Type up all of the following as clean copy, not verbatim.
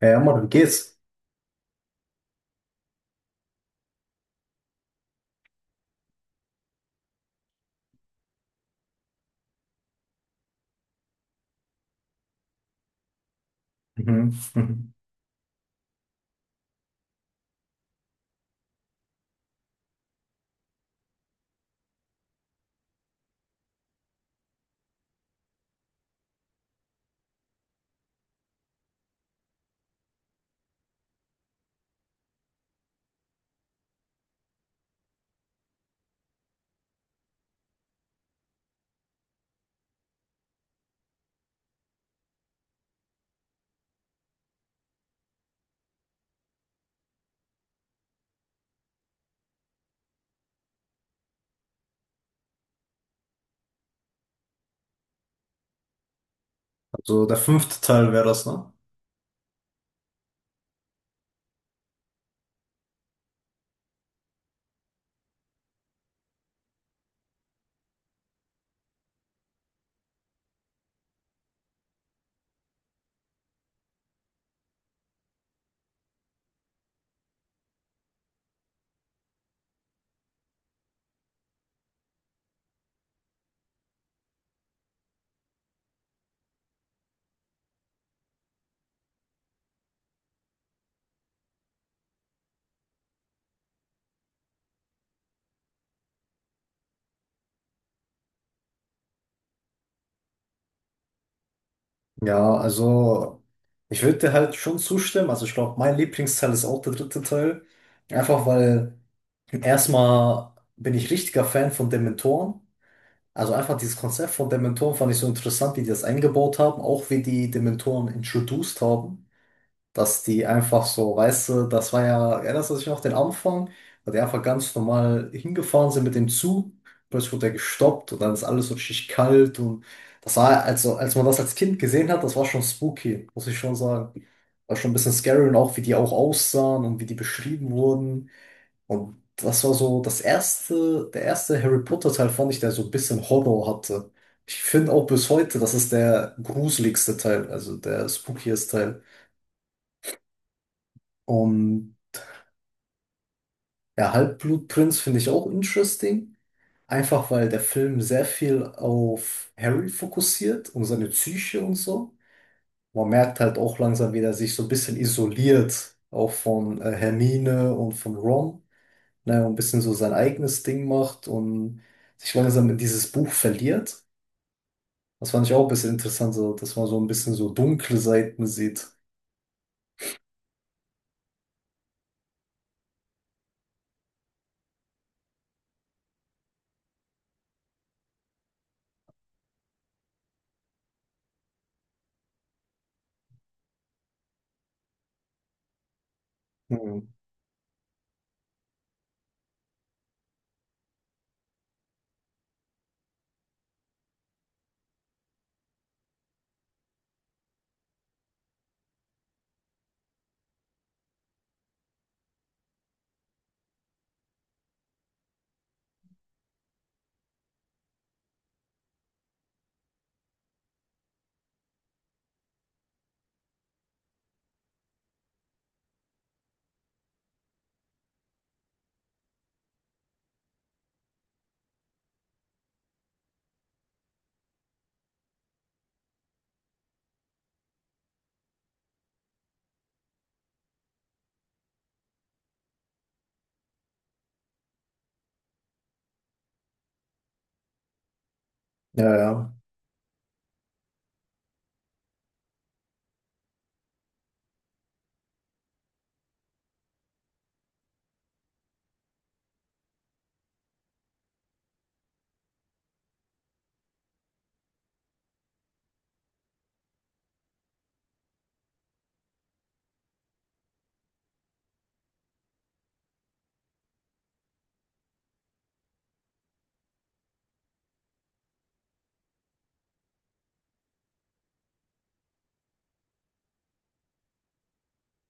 Ja, ja, Mann, wie geht's? Mhm. Mhm. Also der fünfte Teil wäre das, ne? Ja, also ich würde dir halt schon zustimmen. Also ich glaube, mein Lieblingsteil ist auch der dritte Teil. Einfach weil erstmal bin ich richtiger Fan von Dementoren. Also einfach dieses Konzept von Dementoren fand ich so interessant, wie die das eingebaut haben, auch wie die Dementoren introduced haben, dass die einfach so, weißt du, das war ja, erinnerst du dich noch den Anfang, weil die einfach ganz normal hingefahren sind mit dem Zug, plötzlich wurde er gestoppt und dann ist alles so richtig kalt und das war, also als man das als Kind gesehen hat, das war schon spooky, muss ich schon sagen. War schon ein bisschen scary und auch wie die auch aussahen und wie die beschrieben wurden und das war so das erste, der erste Harry Potter Teil fand ich, der so ein bisschen Horror hatte. Ich finde auch bis heute, das ist der gruseligste Teil, also der spookieste Teil. Und Der Halbblutprinz finde ich auch interesting. Einfach weil der Film sehr viel auf Harry fokussiert und seine Psyche und so. Man merkt halt auch langsam, wie er sich so ein bisschen isoliert, auch von Hermine und von Ron, ne, und ein bisschen so sein eigenes Ding macht und sich langsam in dieses Buch verliert. Das fand ich auch ein bisschen interessant, so, dass man so ein bisschen so dunkle Seiten sieht. Hm. Ja, ja.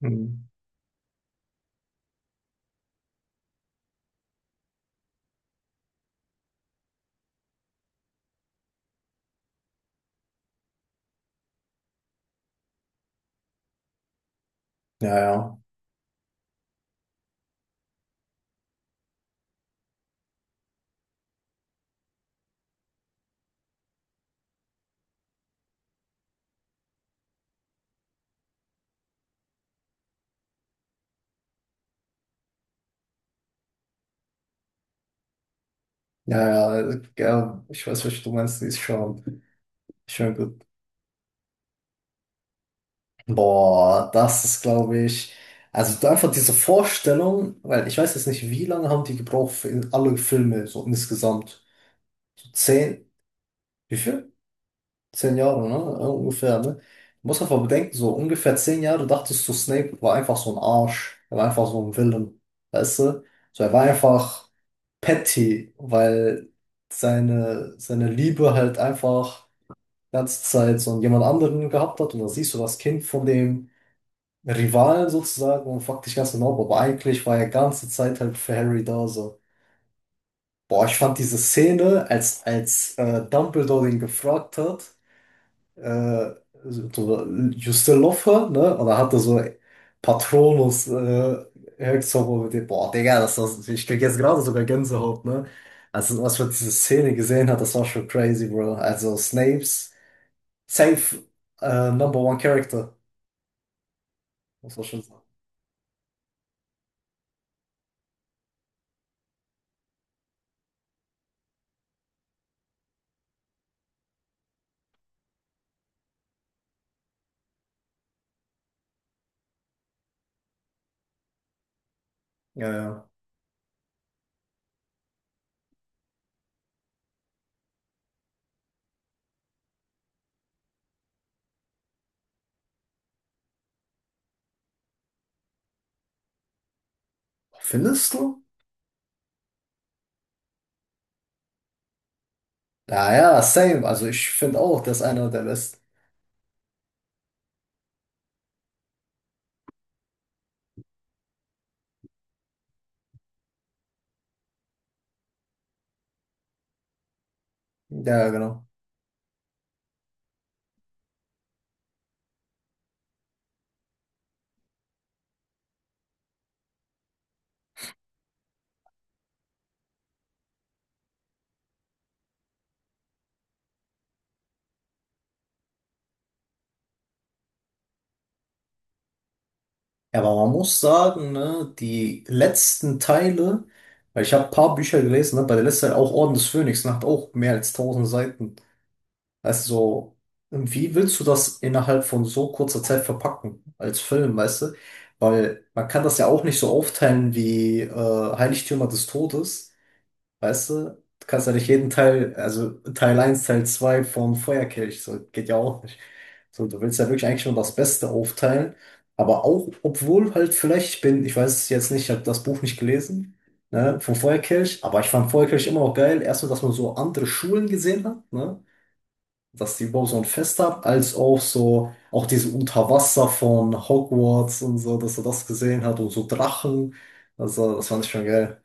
Hm. Ja, ja. Ja, ja, ja, ich weiß, was du meinst, die ist schon, schon gut. Boah, das ist, glaube ich, also da einfach diese Vorstellung, weil ich weiß jetzt nicht, wie lange haben die gebraucht für in alle Filme, so insgesamt. So zehn, wie viel? 10 Jahre, ne? Ja, ungefähr, ne? Du musst einfach bedenken, so ungefähr 10 Jahre dachtest du, Snape war einfach so ein Arsch. Er war einfach so ein Villain, weißt du? So, er war einfach petty, weil seine Liebe halt einfach die ganze Zeit so jemand anderen gehabt hat und dann siehst du das Kind von dem Rivalen sozusagen und fragte ich ganz genau, aber eigentlich war er ganze Zeit halt für Harry da so. Boah, ich fand diese Szene, als Dumbledore ihn gefragt hat, äh, so, you still love her, ne? Und dann hatte so Patronus Hexzauber mit dem, boah, Digga, das, ich krieg jetzt gerade sogar Gänsehaut, ne? Also, was man diese Szene gesehen hat, das war schon crazy, bro. Also, Snapes, safe, number one Character, muss man schon sagen. Ja, ja. Findest du? Ja, ja, same. Also ich finde auch, das ist einer der besten. Ja, genau. Ja, genau. Aber man muss sagen, ne, die letzten Teile, weil ich habe ein paar Bücher gelesen, ne, bei der letzten Teil auch Orden des Phönix, ne, hat auch mehr als 1.000 Seiten. Weißt du, so, wie willst du das innerhalb von so kurzer Zeit verpacken als Film, weißt du? Weil man kann das ja auch nicht so aufteilen wie Heiligtümer des Todes. Weißt du, du kannst ja nicht jeden Teil, also Teil eins Teil 2 vom Feuerkelch, so geht ja auch nicht. So, du willst ja wirklich eigentlich nur das Beste aufteilen, aber auch, obwohl halt vielleicht, ich bin, ich weiß es jetzt nicht, ich habe das Buch nicht gelesen, ne, vom Feuerkelch, aber ich fand Feuerkelch immer auch geil, erst nur, dass man so andere Schulen gesehen hat, ne, dass die überhaupt so ein Fest haben, als auch so, auch diese Unterwasser von Hogwarts und so, dass er das gesehen hat und so Drachen, also das fand ich schon geil.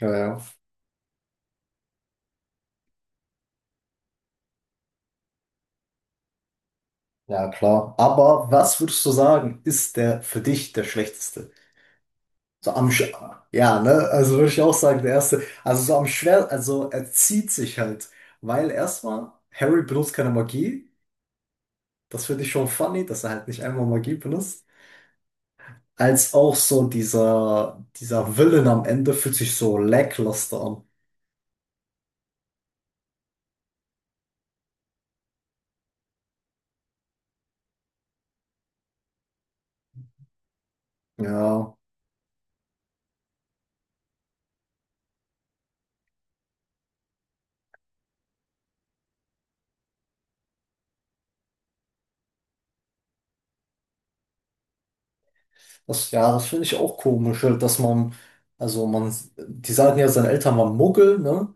Ja, ja. Ja, klar. Aber was würdest du sagen, ist der für dich der schlechteste? So am Sch Ja, ne? Also würde ich auch sagen, der erste. Also so am schwer, also er zieht sich halt, weil erstmal Harry benutzt keine Magie. Das finde ich schon funny, dass er halt nicht einmal Magie benutzt. Als auch so dieser Villain am Ende fühlt sich so lackluster an. Ja, das finde ich auch komisch, halt, dass man also man die sagen ja, seine Eltern waren Muggel, ne?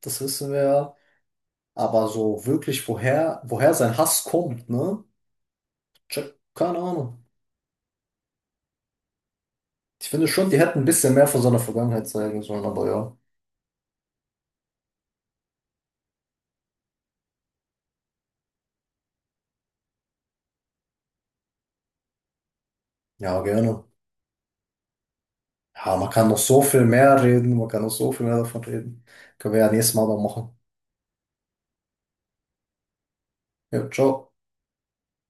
Das wissen wir ja. Aber so wirklich, woher sein Hass kommt, ne? Check, keine Ahnung. Ich finde schon, die hätten ein bisschen mehr von seiner Vergangenheit zeigen sollen, aber ja. Ja, gerne. Ja, man kann noch so viel mehr reden, man kann noch so viel mehr davon reden. Können wir ja nächstes Mal noch machen. Ja, ciao.